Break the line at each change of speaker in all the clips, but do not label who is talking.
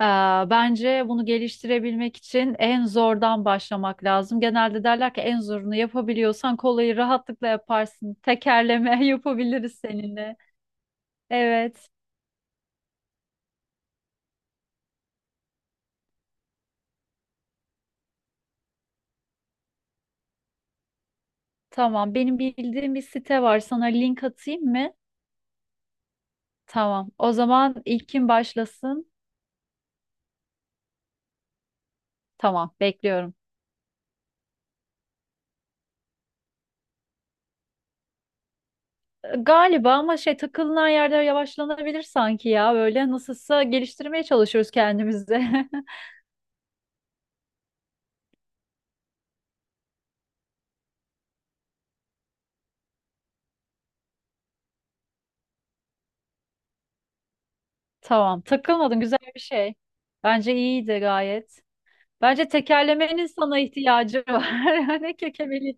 Ee, Bence bunu geliştirebilmek için en zordan başlamak lazım. Genelde derler ki en zorunu yapabiliyorsan kolayı rahatlıkla yaparsın. Tekerleme yapabiliriz seninle. Evet, tamam. Benim bildiğim bir site var. Sana link atayım mı? Tamam. O zaman ilk kim başlasın? Tamam, bekliyorum. Galiba ama şey takılınan yerde yavaşlanabilir sanki ya. Böyle nasılsa geliştirmeye çalışıyoruz kendimizi. Tamam, takılmadın, güzel bir şey. Bence iyiydi gayet. Bence tekerlemenin sana ihtiyacı var. Yani kekemeli.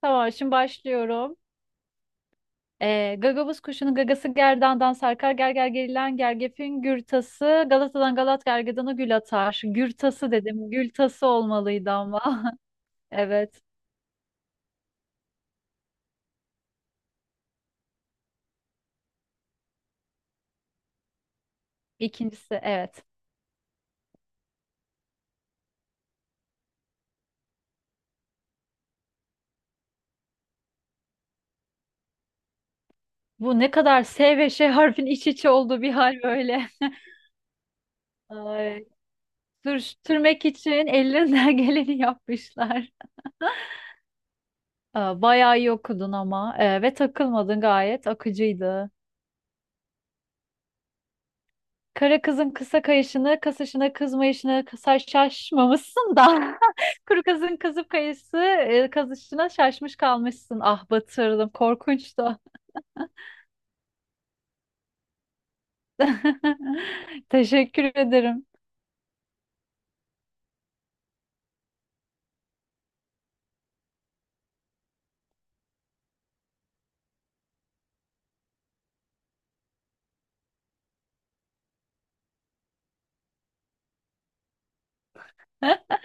Tamam, şimdi başlıyorum. Gagavuz kuşunun gagası gerdandan sarkar, gerger gerilen gergefin gürtası Galata'dan Galat gergedana gül atar. Gürtası dedim. Gültası olmalıydı ama. Evet. İkincisi evet. Bu ne kadar S ve Ş harfin iç içe olduğu bir hal böyle. Ay. Sürtürmek için ellerinden geleni yapmışlar. Aa, bayağı iyi okudun ama ve takılmadın, gayet akıcıydı. Kara kızın kısa kayışını, kasışına kızmayışına kısa şaşmamışsın da kuru kızın kızıp kayısı kazışına şaşmış kalmışsın. Ah, batırdım, korkunçtu. Teşekkür ederim.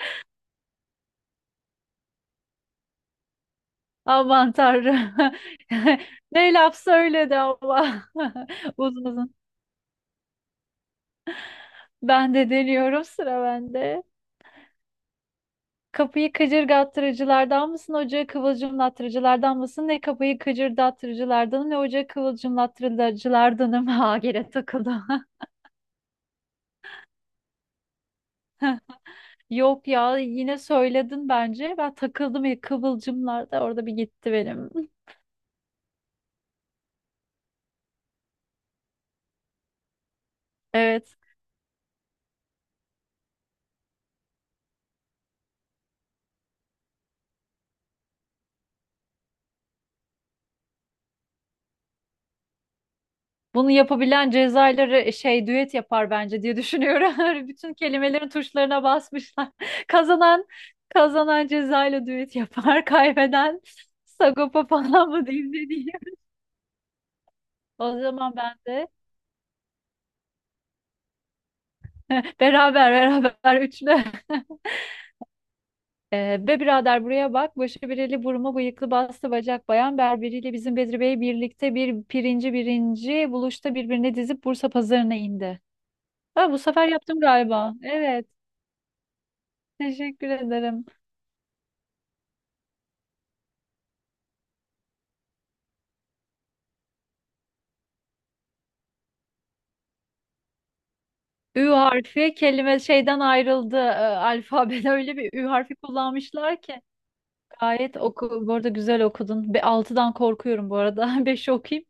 Aman Tanrım. Ne laf söyledi ama. Uzun uzun. Ben de deniyorum, sıra bende. Kapıyı kıcırdattırıcılardan mısın, ocağı kıvılcımlattırıcılardan mısın? Ne kapıyı kıcırdattırıcılardanım ne ocağı kıvılcımlattırıcılardanım. Ha, gene takıldım. Yok ya, yine söyledin bence. Ben takıldım ya, kıvılcımlar da orada bir gitti benim. Evet. Bunu yapabilen Cezayirleri şey düet yapar bence diye düşünüyorum. Öyle bütün kelimelerin tuşlarına basmışlar. Kazanan kazanan Cezayir'le düet yapar. Kaybeden Sagopa falan mı diyeyim, ne diyeyim. O zaman ben de beraber beraber üçlü. Be birader buraya bak. Başı bireli, burma bıyıklı, bastı bacak, bayan berberiyle bizim Bedri Bey birlikte bir pirinci birinci buluşta birbirine dizip Bursa pazarına indi. Ha, bu sefer yaptım galiba. Evet. Teşekkür ederim. Ü harfi kelime şeyden ayrıldı. Alfabede öyle bir Ü harfi kullanmışlar ki. Gayet oku, bu arada güzel okudun. Be, altıdan korkuyorum bu arada. Beşi okuyayım.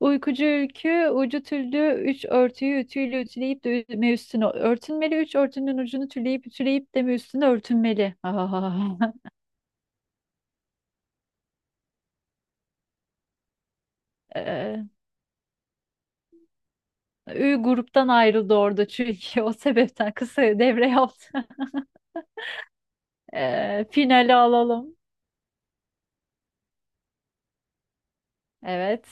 Uykucu ülkü, ucu tüllü, üç örtüyü ütüyle ütüleyip de üstüne örtünmeli. Üç örtünün ucunu tüleyip ütüleyip de mi üstüne örtünmeli. Ah. Ee, Ü gruptan ayrıldı orada çünkü o sebepten kısa devre yaptı. Finali alalım. Evet.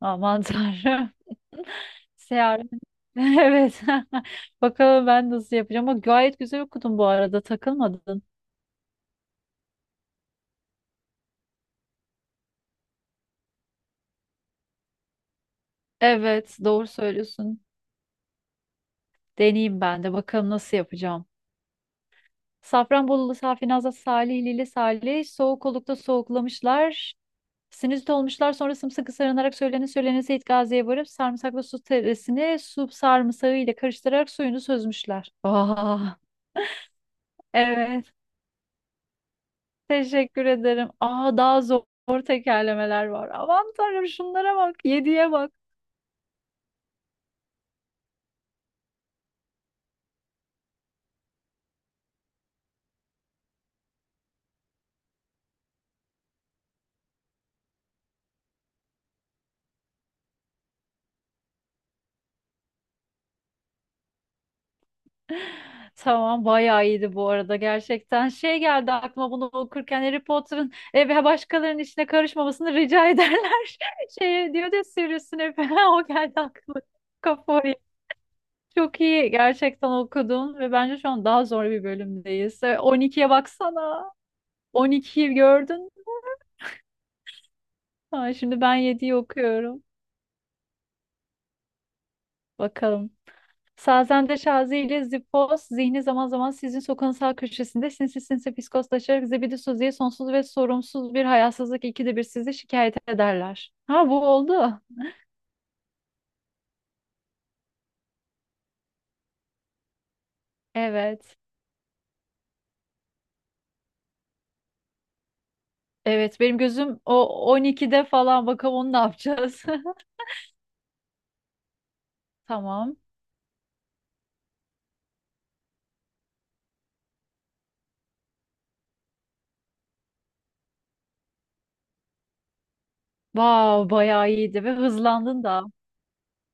Aman Tanrım. Seyahat. Evet. Bakalım ben nasıl yapacağım. Ama gayet güzel okudun bu arada. Takılmadın. Evet, doğru söylüyorsun. Deneyeyim ben de. Bakalım nasıl yapacağım. Safranbolulu Safinaz'la Salihlili Salih soğuk olukta soğuklamışlar. Sinüzit olmuşlar, sonra sımsıkı sarınarak söylene söylene Seyit Gazi'ye varıp sarımsaklı su teresini su sarımsağı ile karıştırarak suyunu süzmüşler. Aa, evet, teşekkür ederim. Aa, daha zor tekerlemeler var. Aman Tanrım, şunlara bak, yediye bak. Tamam, bayağı iyiydi bu arada gerçekten. Şey geldi aklıma bunu okurken, Harry Potter'ın ve başkalarının işine karışmamasını rica ederler. Şey diyor da Sirius falan o geldi aklıma. Kafa oraya. Çok iyi gerçekten okudun ve bence şu an daha zor bir bölümdeyiz. E, 12'ye baksana. 12'yi gördün. Ha, şimdi ben yediyi okuyorum. Bakalım. Sazende Şazi ile Zipos zihni zaman zaman sizin sokağın sağ köşesinde sinsi sinsi fiskoslaşarak zibidi Suzi'ye sonsuz ve sorumsuz bir hayasızlık ikide bir sizi şikayet ederler. Ha, bu oldu. Evet. Evet, benim gözüm o 12'de falan, bakalım onu ne yapacağız. Tamam. Vav, bayağı iyiydi ve hızlandın da.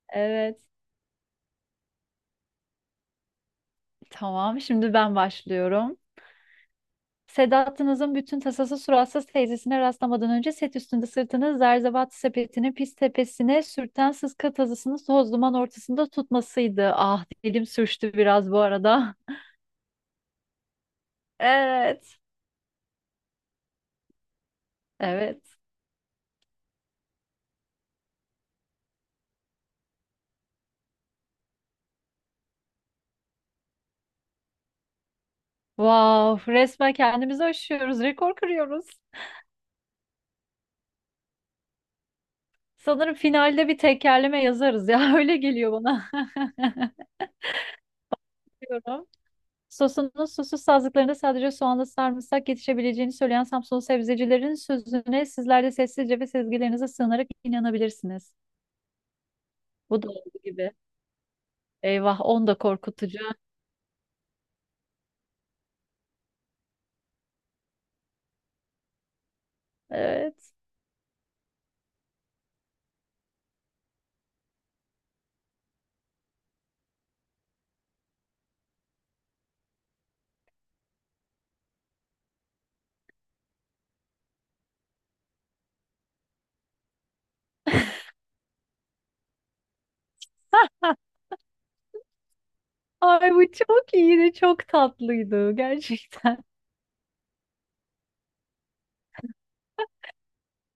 Evet. Tamam, şimdi ben başlıyorum. Sedat'ınızın bütün tasası suratsız teyzesine rastlamadan önce set üstünde sırtını zerzevat sepetinin pis tepesine sürten sıska tazısını toz duman ortasında tutmasıydı. Ah, dilim sürçtü biraz bu arada. Evet. Evet. Wow, resmen kendimizi aşıyoruz, rekor kırıyoruz. Sanırım finalde bir tekerleme yazarız ya öyle geliyor bana. Diyorum. Sosunun susuz sazlıklarında sadece soğanla sarımsak yetişebileceğini söyleyen Samsunlu sebzecilerin sözüne sizler de sessizce ve sezgilerinize sığınarak inanabilirsiniz. Bu da olduğu gibi. Eyvah, on da korkutucu. Evet. Hah. Ay, bu çok iyiydi, çok tatlıydı gerçekten.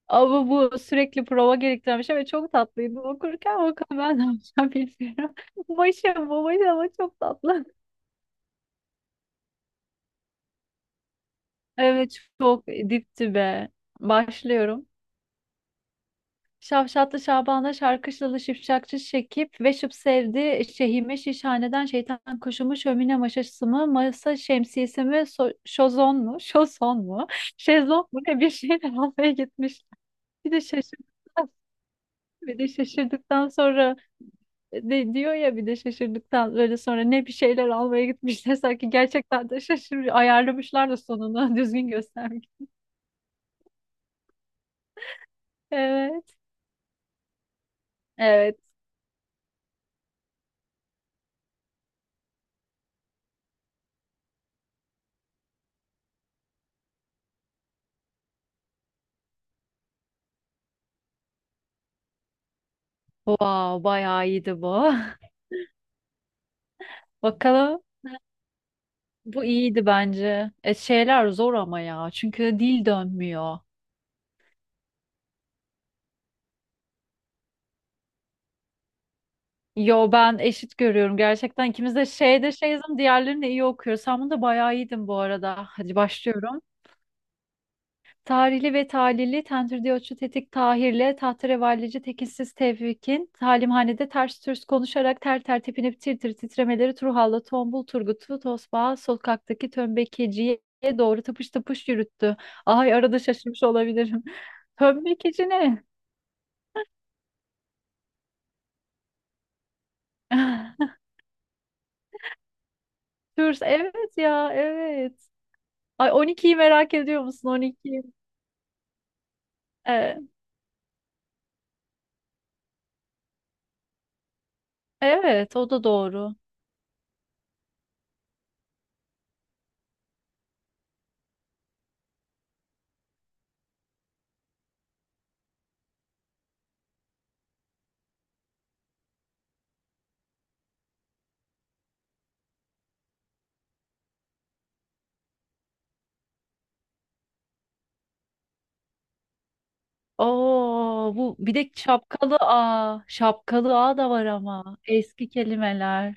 Ama bu sürekli prova gerektiren bir şey ve çok tatlıydı. Okurken bakalım ben ne yapacağım, bilmiyorum. Başım bu başım, ama çok tatlı. Evet, çok dipti be. Başlıyorum. Şavşatlı Şaban'da şarkışlalı şipşakçı Şekip ve şıp sevdi şehime şişhaneden şeytan kuşumu şömine maşası mı, masa şemsiyesi mi, şozon mu, şozon mu, şezlong mu ne, bir şeyle almaya gitmiş. Bir de şaşırdıktan, bir de şaşırdıktan sonra de diyor ya bir de şaşırdıktan böyle sonra ne, bir şeyler almaya gitmişler, sanki gerçekten de şaşırıyor. Ayarlamışlar da sonunu düzgün göstermek. Evet. Evet. Wow, bayağı iyiydi bu. Bakalım, bu iyiydi bence. Şeyler zor ama ya. Çünkü dil dönmüyor. Yo, ben eşit görüyorum gerçekten. İkimiz de şeyde şeyiz, diğerlerini iyi okuyor. Sen bunda bayağı iyiydin bu arada. Hadi başlıyorum. Tarihli ve talili Tentürdiyotçu Tetik Tahir'le tahterevallici tekinsiz Tevfik'in talimhanede ters türs konuşarak ter ter tepinip tir tir titremeleri Turhal'la Tombul Turgut'u Tosbağa sokaktaki tömbekeciye doğru tıpış tıpış yürüttü. Ay, arada şaşırmış olabilirim. Tömbekeci ne? Tours, evet ya, evet. Ay, 12'yi merak ediyor musun, 12'yi? Ee, evet, o da doğru. Oo, bu bir de şapkalı A. Şapkalı A da var ama eski kelimeler.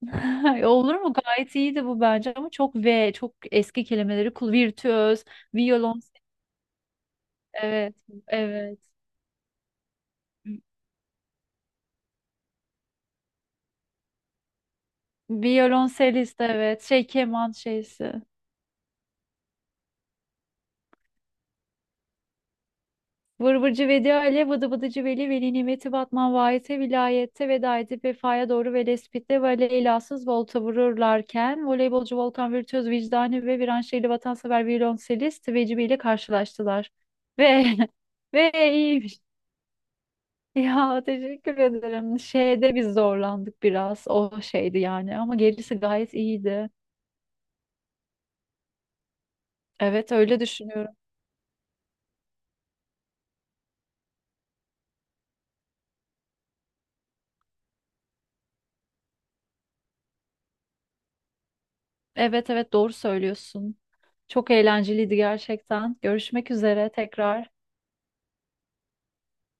Olur mu? Gayet iyiydi bu bence ama çok V, çok eski kelimeleri kul virtüöz, violons evet, evet. Violonselist evet. Şey keman şeysi. Vır vırcı Vedi Ali, vıdı vıdıcı Veli, Veli Nimeti Batman Vahit'e vilayette veda edip vefaya doğru ve lespitle ve leylasız volta vururlarken voleybolcu Volkan Virtüöz vicdani ve Viranşehirli vatansever violonselist Vecibi ile karşılaştılar. Ve ve iyiymiş. Ya, teşekkür ederim. Şeyde biz zorlandık biraz. O şeydi yani ama gerisi gayet iyiydi. Evet, öyle düşünüyorum. Evet evet, doğru söylüyorsun. Çok eğlenceliydi gerçekten. Görüşmek üzere tekrar.